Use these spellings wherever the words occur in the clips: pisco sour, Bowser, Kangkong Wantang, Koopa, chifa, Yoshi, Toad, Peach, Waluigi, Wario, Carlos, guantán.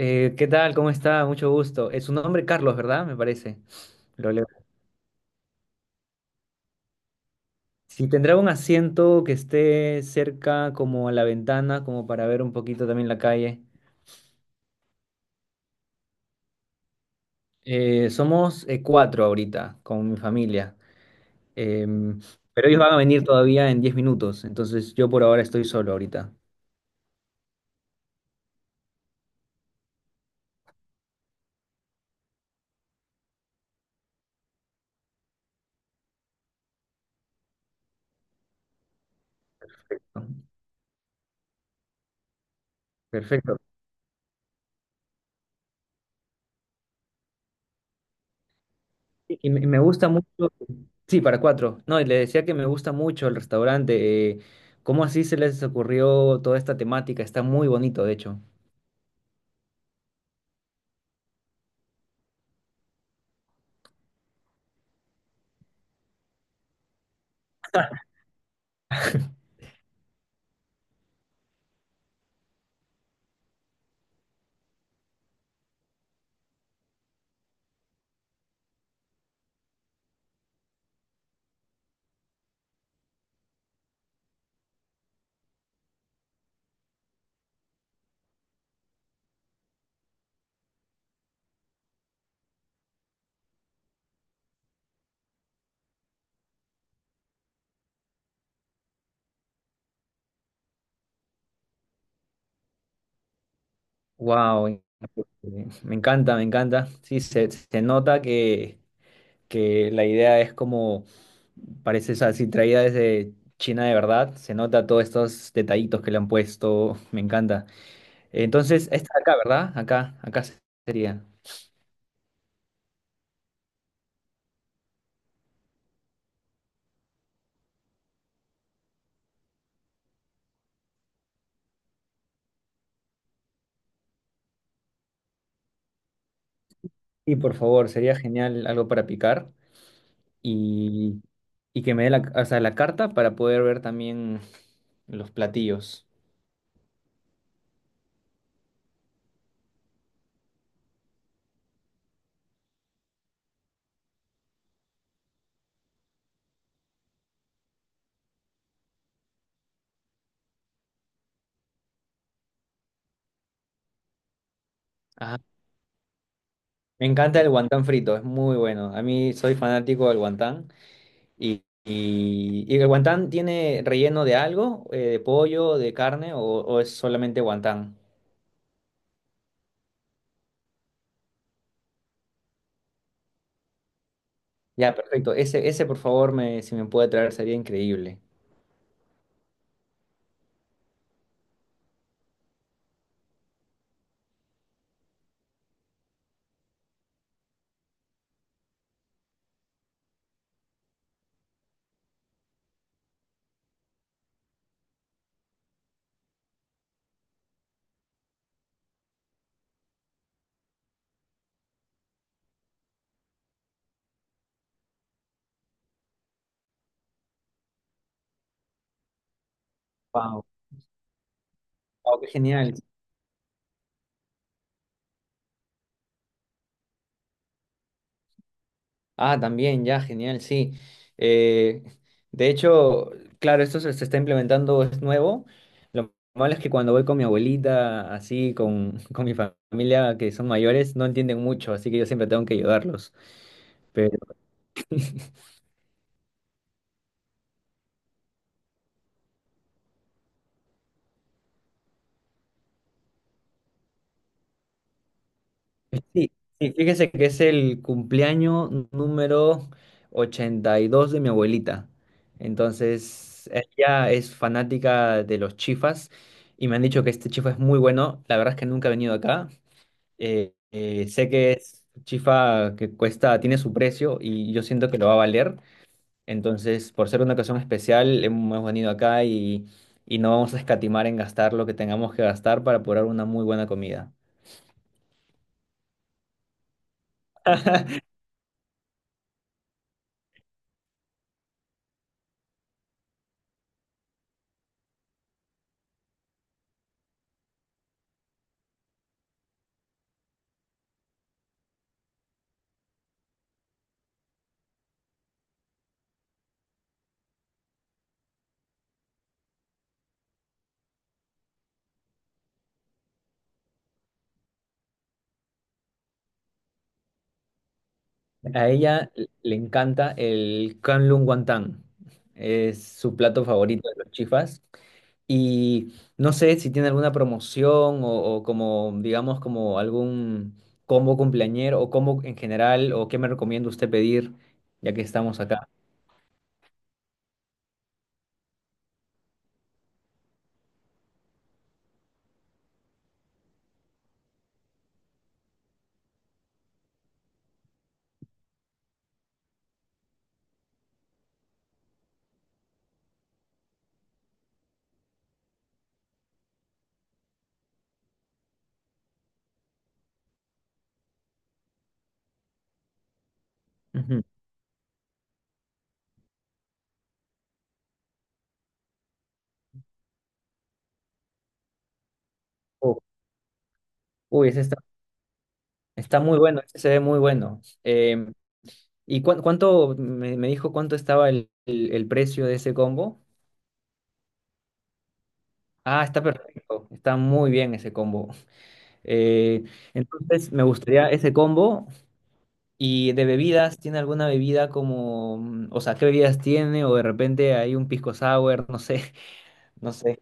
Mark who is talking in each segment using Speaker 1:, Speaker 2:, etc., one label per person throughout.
Speaker 1: ¿Qué tal? ¿Cómo está? Mucho gusto. ¿Es su nombre Carlos, verdad? Me parece. Lo leo. Si tendrá un asiento que esté cerca como a la ventana, como para ver un poquito también la calle. Somos cuatro ahorita con mi familia. Em, pero ellos van a venir todavía en 10 minutos, entonces yo por ahora estoy solo ahorita. ¿No? Perfecto. Y me gusta mucho, sí, para cuatro. No, y le decía que me gusta mucho el restaurante. ¿Cómo así se les ocurrió toda esta temática? Está muy bonito, de hecho. Wow, me encanta, me encanta. Sí, se nota que la idea es como, parece, o sea, así traída desde China de verdad. Se nota todos estos detallitos que le han puesto. Me encanta. Entonces, esta de acá, ¿verdad? Acá, acá sería. Y por favor, sería genial algo para picar y, y que me dé la, o sea, la carta para poder ver también los platillos. Ajá. Me encanta el guantán frito, es muy bueno. A mí soy fanático del guantán. Y el guantán tiene relleno de algo, de pollo, de carne, o es solamente guantán. Ya, perfecto. Ese, por favor, me, si me puede traer, sería increíble. Wow. Wow, qué genial. Ah, también, ya, genial, sí. Eh, de hecho, claro, esto se está implementando, es nuevo. Lo malo es que cuando voy con mi abuelita, así, con, con mi familia, que son mayores, no entienden mucho, así que yo siempre tengo que ayudarlos. Sí, sí, fíjese que es el cumpleaños número 82 de mi abuelita. Entonces, ella es fanática de los chifas y me han dicho que este chifa es muy bueno. La verdad es que nunca he venido acá. Sé que es chifa que cuesta, tiene su precio y yo siento que lo va a valer. Entonces, por ser una ocasión especial, hemos venido acá y no vamos a escatimar en gastar lo que tengamos que gastar para apurar una muy buena comida. A ella le encanta el Kangkong Wantang. Es su plato favorito de los chifas. Y no sé si tiene alguna promoción o como, digamos, como algún combo cumpleañero o combo en general o qué me recomienda usted pedir ya que estamos acá. Ujú. Oh, uy, ese está, está muy bueno, ese se ve muy bueno. ¿Y cuánto, me dijo cuánto estaba el, el precio de ese combo? Ah, está perfecto, está muy bien ese combo. Eh, entonces me gustaría ese combo. Y de bebidas, ¿tiene alguna bebida como, o sea, qué bebidas tiene? O de repente hay un pisco sour, no sé, no sé.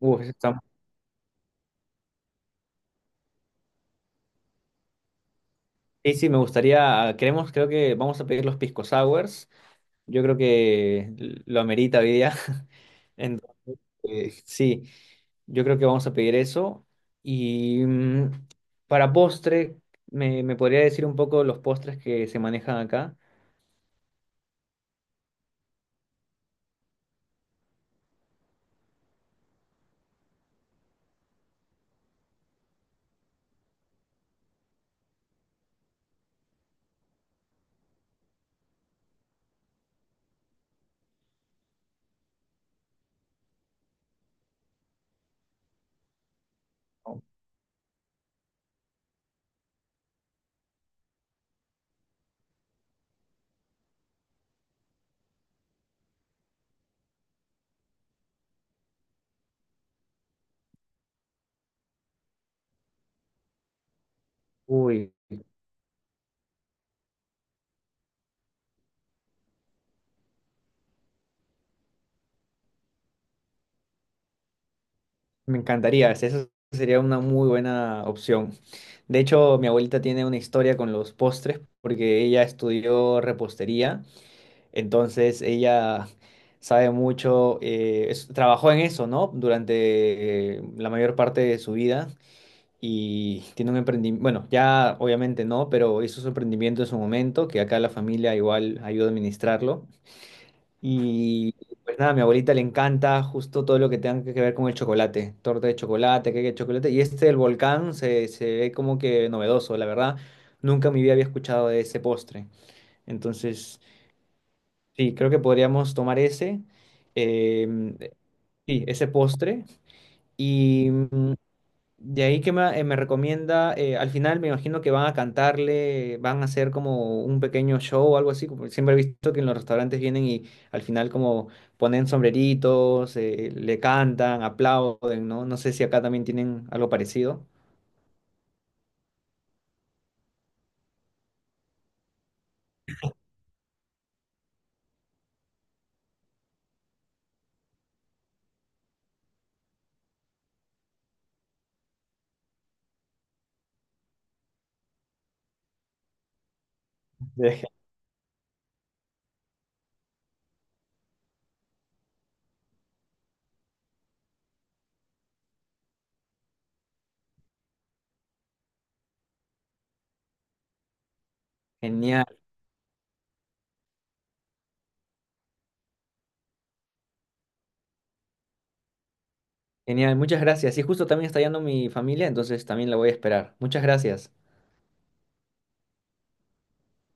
Speaker 1: Uf, eso está. Sí, sí, me gustaría, queremos, creo que vamos a pedir los pisco sours. Yo creo que lo amerita hoy día. Entonces, sí, yo creo que vamos a pedir eso. Y para postre, ¿me, me podría decir un poco los postres que se manejan acá? Uy. Me encantaría, es- eso sería una muy buena opción. De hecho, mi abuelita tiene una historia con los postres porque ella estudió repostería, entonces ella sabe mucho, es- trabajó en eso, ¿no? Durante la mayor parte de su vida y tiene un emprendimiento, bueno, ya obviamente no, pero hizo su emprendimiento en su momento, que acá la familia igual ayuda a administrarlo. Y pues nada, a mi abuelita le encanta justo todo lo que tenga que ver con el chocolate, torta de chocolate, cake de chocolate. Y este el volcán se ve como que novedoso, la verdad. Nunca en mi vida había escuchado de ese postre. Entonces, sí, creo que podríamos tomar ese, em, sí, ese postre. Y de ahí que me, me recomienda, al final me imagino que van a cantarle, van a hacer como un pequeño show o algo así, como siempre he visto que en los restaurantes vienen y al final como ponen sombreritos, le cantan, aplauden, ¿no? No sé si acá también tienen algo parecido. Deje-. Genial, genial, muchas gracias. Y justo también está yendo mi familia, entonces también la voy a esperar. Muchas gracias.